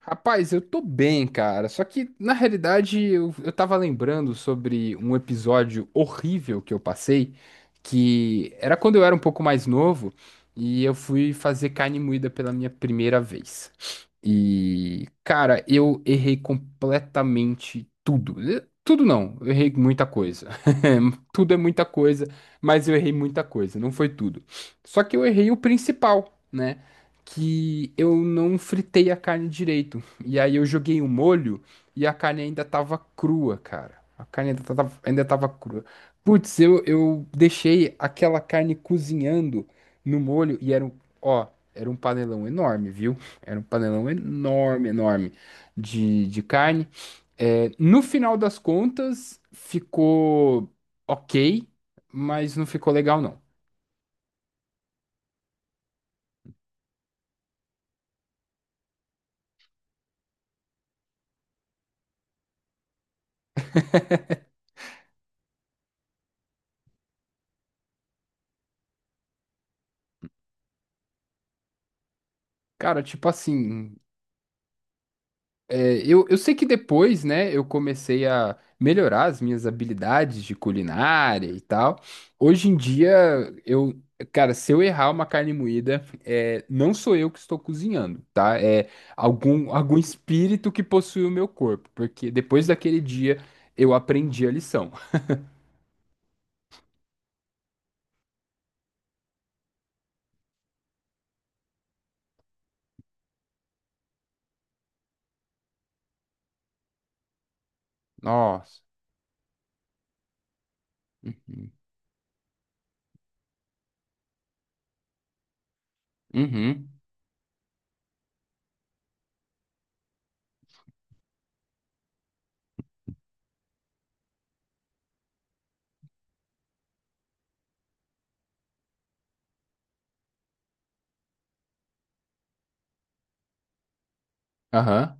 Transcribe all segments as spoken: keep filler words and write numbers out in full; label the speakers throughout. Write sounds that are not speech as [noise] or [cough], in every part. Speaker 1: Rapaz, eu tô bem, cara. Só que, na realidade, eu, eu tava lembrando sobre um episódio horrível que eu passei, que era quando eu era um pouco mais novo e eu fui fazer carne moída pela minha primeira vez. E, cara, eu errei completamente tudo. Eh, Tudo não, eu errei muita coisa. [laughs] Tudo é muita coisa, mas eu errei muita coisa, não foi tudo. Só que eu errei o principal, né? Que eu não fritei a carne direito. E aí eu joguei o molho e a carne ainda tava crua, cara. A carne ainda tava, ainda tava crua. Putz, eu, eu deixei aquela carne cozinhando no molho e era um, ó, era um panelão enorme, viu? Era um panelão enorme, enorme de, de carne. É, no final das contas, ficou ok, mas não ficou legal, não. Cara, tipo assim, É, eu, eu sei que depois, né, eu comecei a melhorar as minhas habilidades de culinária e tal. Hoje em dia, eu, cara, se eu errar uma carne moída, é, não sou eu que estou cozinhando, tá? É algum, algum espírito que possui o meu corpo, porque depois daquele dia eu aprendi a lição. [laughs] Nossa. Uhum. Uhum. Aham.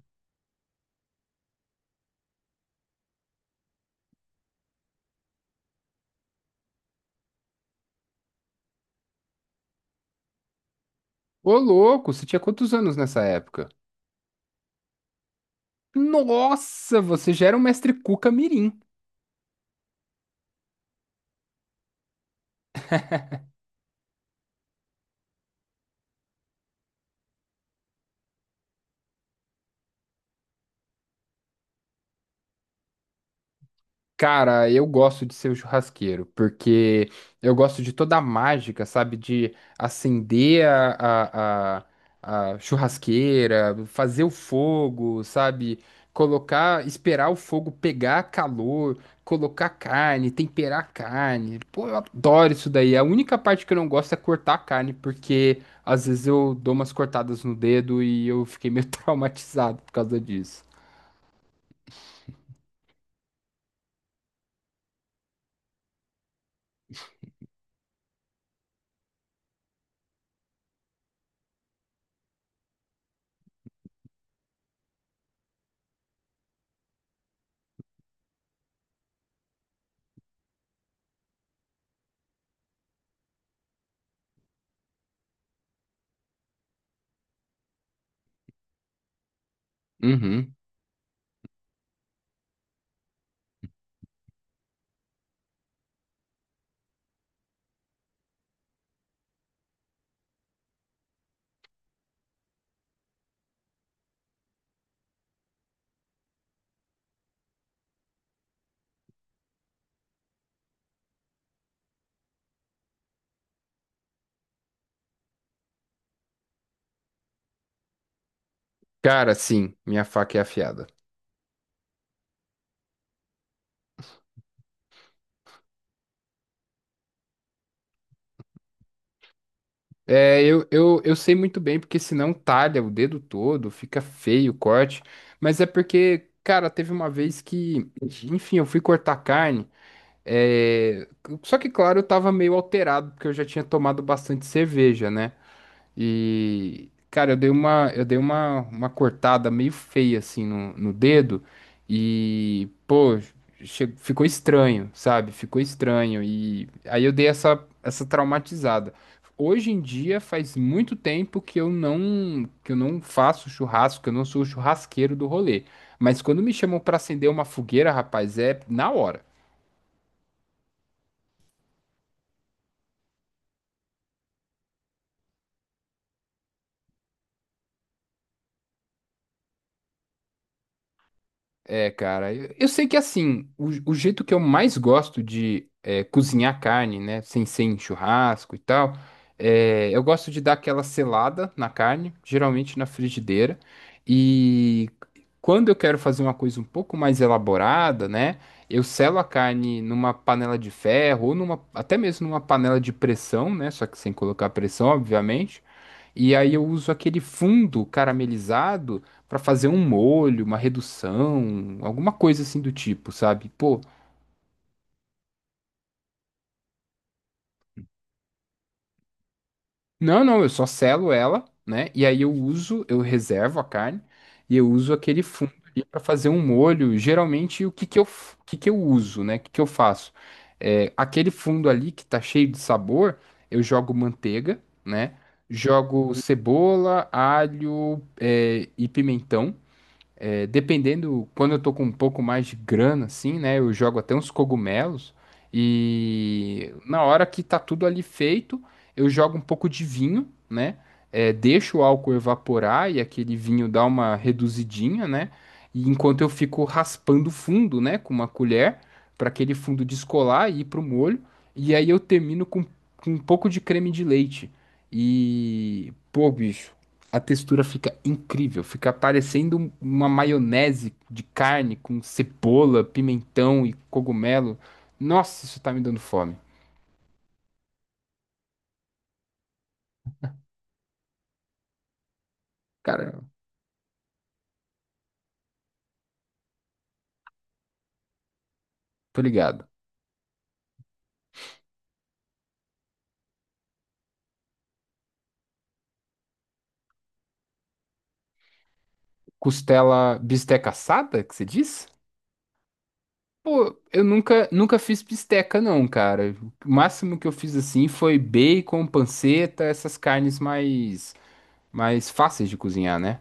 Speaker 1: Ô, louco, você tinha quantos anos nessa época? Nossa, você já era um mestre Cuca Mirim. Cara, eu gosto de ser o churrasqueiro, porque eu gosto de toda a mágica, sabe? De acender a, a, a- a churrasqueira, fazer o fogo, sabe? Colocar, esperar o fogo pegar calor, colocar carne, temperar a carne. Pô, eu adoro isso daí. A única parte que eu não gosto é cortar a carne, porque às vezes eu dou umas cortadas no dedo e eu fiquei meio [laughs] traumatizado por causa disso. Uhum. Cara, sim, minha faca é afiada. É, eu, eu, eu sei muito bem, porque senão talha o dedo todo, fica feio o corte. Mas é porque, cara, teve uma vez que, enfim, eu fui cortar carne. é, Só que, claro, eu tava meio alterado, porque eu já tinha tomado bastante cerveja, né? E, cara, eu dei uma, eu dei uma, uma cortada meio feia assim no, no dedo e, pô, che- ficou estranho, sabe? Ficou estranho. E aí eu dei essa, essa traumatizada. Hoje em dia faz muito tempo que eu não, que eu não faço churrasco, que eu não sou o churrasqueiro do rolê. Mas quando me chamam pra acender uma fogueira, rapaz, é na hora. É, cara, eu, eu sei que assim, o, o jeito que eu mais gosto de é, cozinhar carne, né, sem ser em churrasco e tal, é, eu gosto de dar aquela selada na carne, geralmente na frigideira, e quando eu quero fazer uma coisa um pouco mais elaborada, né, eu selo a carne numa panela de ferro ou numa, até mesmo numa panela de pressão, né, só que sem colocar pressão, obviamente, e aí eu uso aquele fundo caramelizado pra fazer um molho, uma redução, alguma coisa assim do tipo, sabe? Pô, não, não, eu só selo ela, né? E aí eu uso, eu reservo a carne e eu uso aquele fundo ali para fazer um molho. Geralmente o que que eu, f- o que que eu uso, né? O que que eu faço? É, aquele fundo ali que tá cheio de sabor, eu jogo manteiga, né? Jogo cebola, alho, é, e pimentão. É, dependendo, quando eu tô com um pouco mais de grana, assim, né? Eu jogo até uns cogumelos. E na hora que tá tudo ali feito, eu jogo um pouco de vinho, né? É, deixo o álcool evaporar e aquele vinho dá uma reduzidinha, né? E enquanto eu fico raspando o fundo, né? Com uma colher, para aquele fundo descolar e ir pro molho. E aí eu termino com, com um pouco de creme de leite. E, pô, bicho. A textura fica incrível, fica parecendo um- uma maionese de carne com cebola, pimentão e cogumelo. Nossa, isso tá me dando fome. Cara, tô ligado. Costela bisteca assada, que você diz? Pô, eu nunca, nunca fiz bisteca não, cara. O máximo que eu fiz assim foi bacon, panceta, essas carnes mais mais fáceis de cozinhar, né?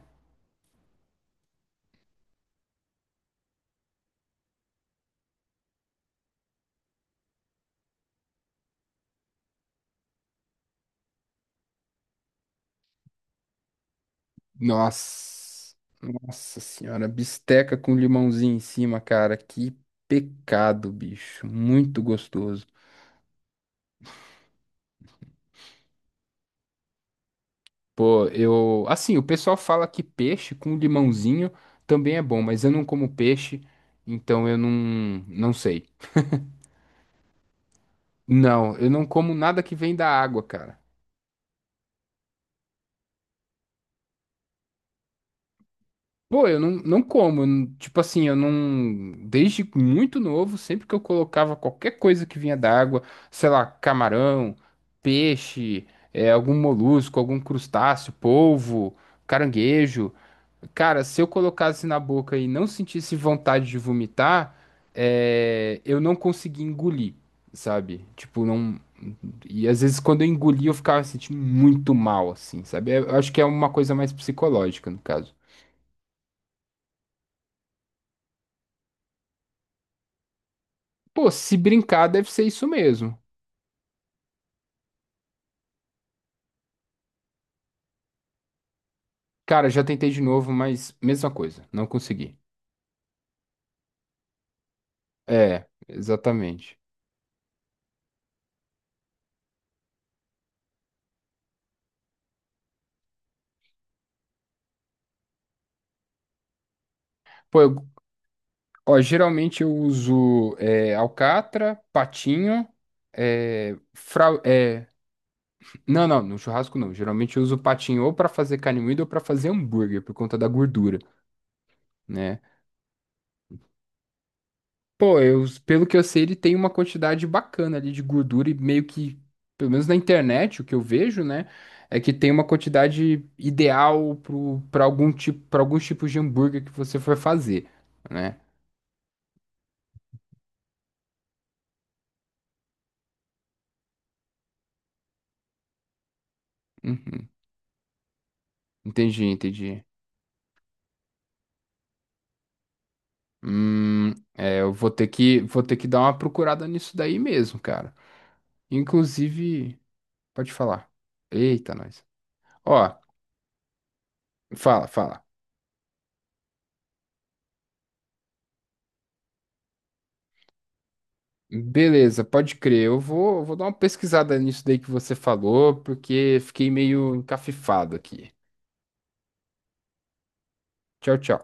Speaker 1: Nossa, nossa senhora, bisteca com limãozinho em cima, cara, que pecado, bicho, muito gostoso. Pô, eu, assim, o pessoal fala que peixe com limãozinho também é bom, mas eu não como peixe, então eu não, não sei. Não, eu não como nada que vem da água, cara. Pô, eu não, não como. n- Tipo assim, eu não. Desde muito novo, sempre que eu colocava qualquer coisa que vinha da água, sei lá, camarão, peixe, é, algum molusco, algum crustáceo, polvo, caranguejo. Cara, se eu colocasse na boca e não sentisse vontade de vomitar, é, eu não conseguia engolir, sabe? Tipo, não. E às vezes quando eu engolia, eu ficava sentindo muito mal, assim, sabe? É, eu acho que é uma coisa mais psicológica, no caso. Pô, se brincar, deve ser isso mesmo. Cara, já tentei de novo, mas mesma coisa, não consegui. É, exatamente. Pô, eu- ó, geralmente eu uso é, alcatra, patinho, é, frau- é, não, não, no churrasco não. Geralmente eu uso patinho ou pra fazer carne moída ou pra fazer hambúrguer, por conta da gordura, né? Pô, eu, pelo que eu sei, ele tem uma quantidade bacana ali de gordura e meio que, pelo menos na internet, o que eu vejo, né, é que tem uma quantidade ideal pro, pra algum tipo, para alguns tipos de hambúrguer que você for fazer, né? Uhum. Entendi, entendi. Hum, é, eu vou ter que, vou ter que dar uma procurada nisso daí mesmo, cara. Inclusive, pode falar. Eita, nós. Ó, fala, fala. Beleza, pode crer. Eu vou, vou dar uma pesquisada nisso daí que você falou, porque fiquei meio encafifado aqui. Tchau, tchau.